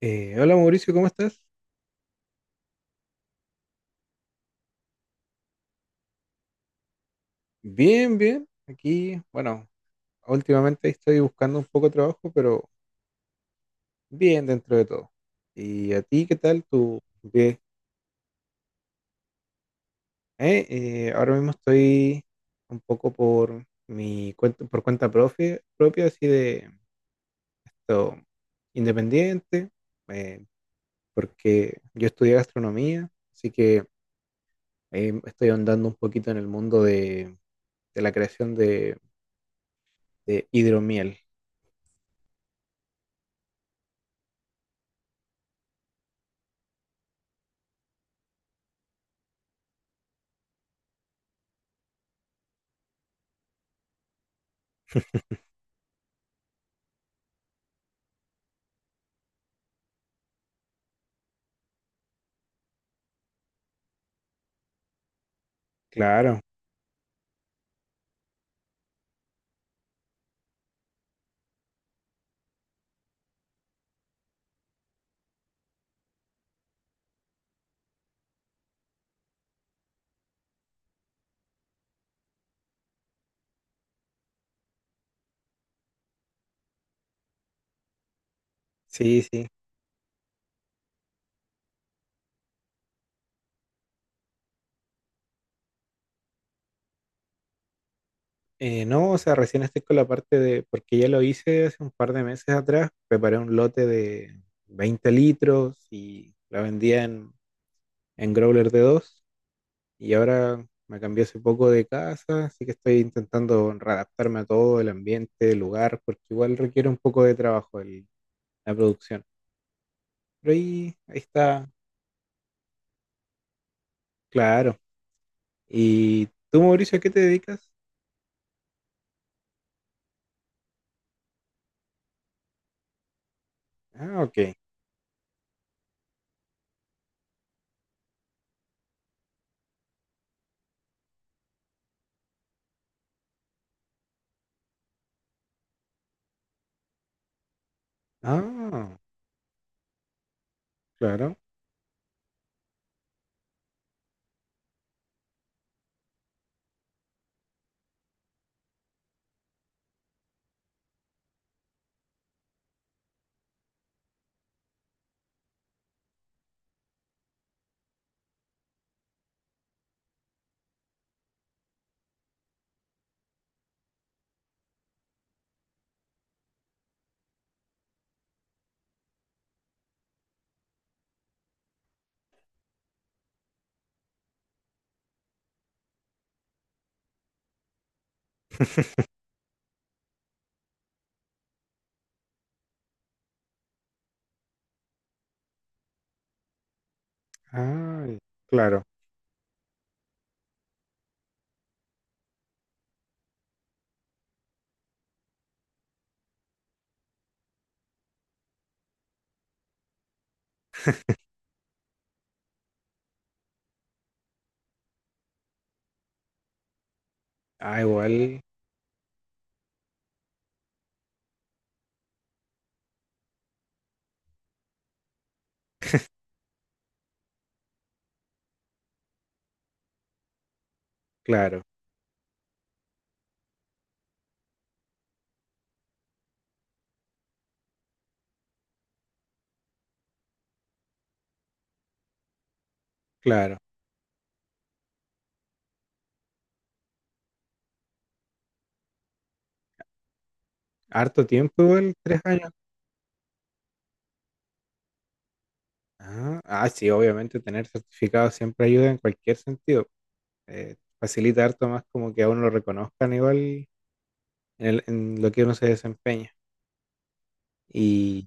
Hola Mauricio, ¿cómo estás? Bien, bien. Aquí, bueno, últimamente estoy buscando un poco de trabajo, pero bien dentro de todo. ¿Y a ti qué tal? ¿Tú qué? Ahora mismo estoy un poco por mi cuenta, por propia, así de todo independiente, eh, porque yo estudié gastronomía, así que estoy andando un poquito en el mundo de la creación de hidromiel. Claro, sí, sí. No, o sea, recién estoy con la parte de, porque ya lo hice hace un par de meses atrás, preparé un lote de 20 litros y la vendía en growler de 2 y ahora me cambié hace poco de casa, así que estoy intentando readaptarme a todo, el ambiente, el lugar, porque igual requiere un poco de trabajo la producción. Pero ahí, ahí está, claro. ¿Y tú, Mauricio, a qué te dedicas? Ah, ok. Ah, claro. Ah, claro. Ah, igual, claro. Claro, harto tiempo igual, 3 años. Ah, ah, sí, obviamente tener certificado siempre ayuda en cualquier sentido. Facilita harto más como que a uno lo reconozcan igual en, en lo que uno se desempeña. Y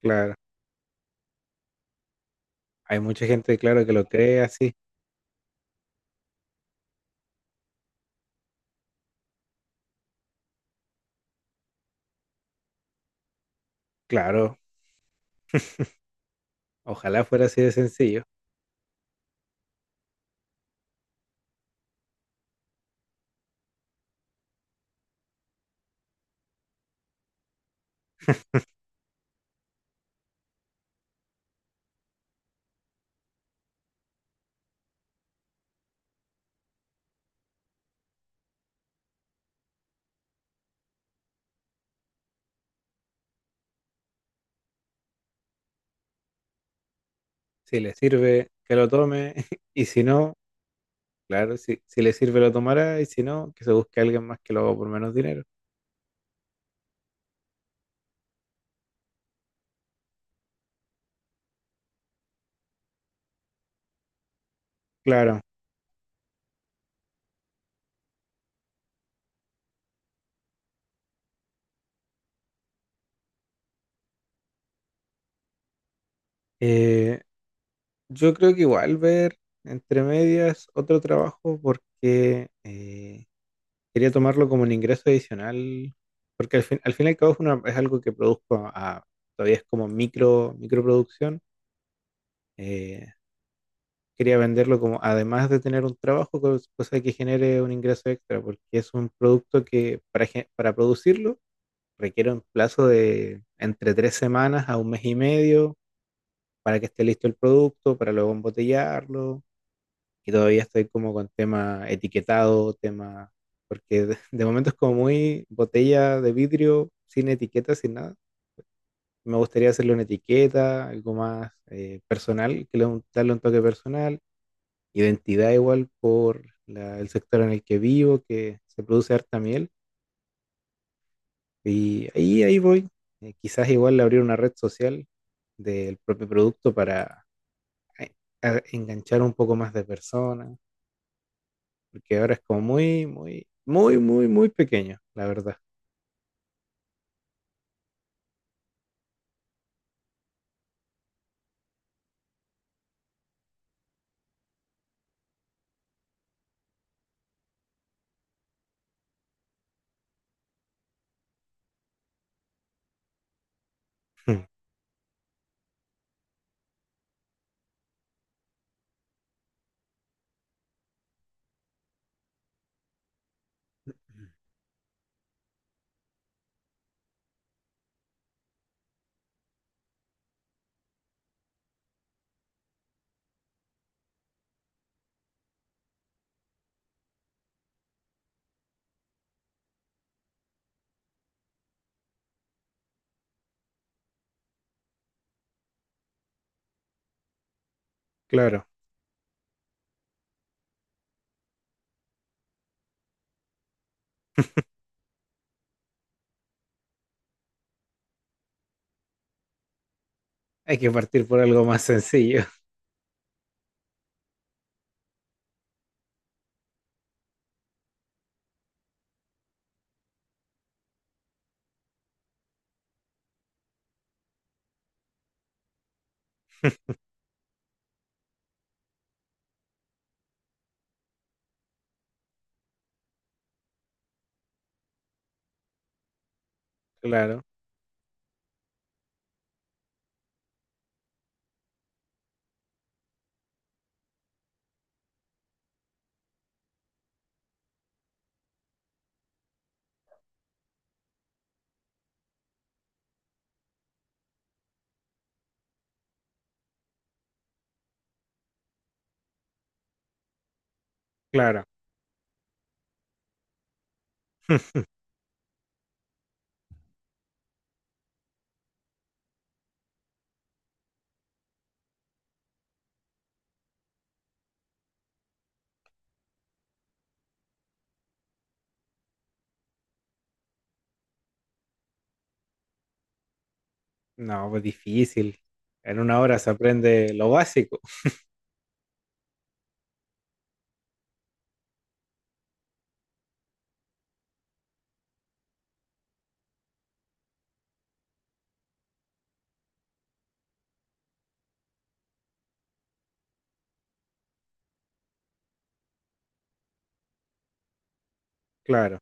claro, hay mucha gente, claro, que lo cree así. Claro, ojalá fuera así de sencillo. Si le sirve, que lo tome. Y si no, claro, si, si le sirve, lo tomará. Y si no, que se busque alguien más que lo haga por menos dinero. Claro. Eh, Yo creo que igual ver entre medias otro trabajo porque quería tomarlo como un ingreso adicional, porque al fin y al cabo es, es algo que produzco, todavía es como micro, microproducción. Eh, quería venderlo como, además de tener un trabajo, cosa que genere un ingreso extra, porque es un producto que para, para producirlo requiere un plazo de entre 3 semanas a 1 mes y medio para que esté listo el producto, para luego embotellarlo y todavía estoy como con tema etiquetado, tema, porque de momento es como muy botella de vidrio, sin etiqueta, sin nada. Me gustaría hacerle una etiqueta, algo más personal, que le, darle un toque personal, identidad igual por el sector en el que vivo, que se produce harta miel, y ahí, ahí voy. Quizás igual abrir una red social del propio producto para eh, enganchar un poco más de personas. Porque ahora es como muy, muy, muy, muy, muy pequeño, la verdad. Claro, hay que partir por algo más sencillo. Claro, claro. No, pues difícil. En una hora se aprende lo básico, claro.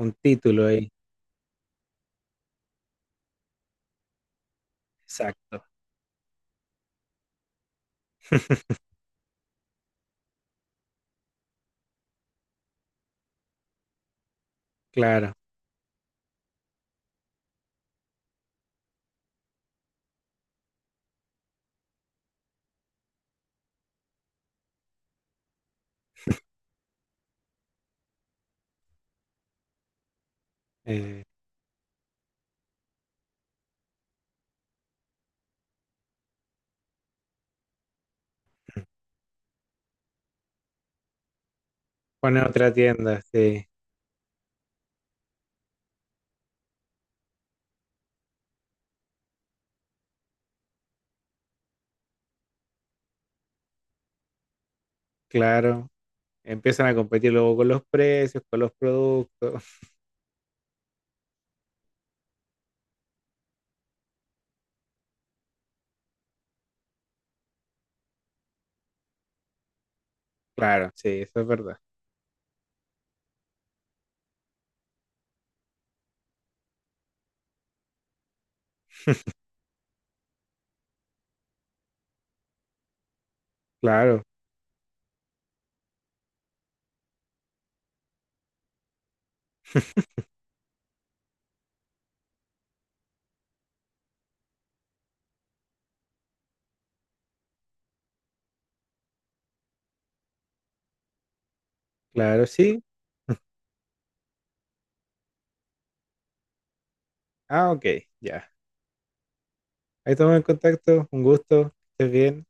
Un título ahí, exacto, claro. Eh, Ponen otra tienda, sí, claro. Empiezan a competir luego con los precios, con los productos. Claro, sí, eso es verdad. Claro, claro, sí. Ah, ok, ya. Ahí estamos en contacto, un gusto. Que estés bien.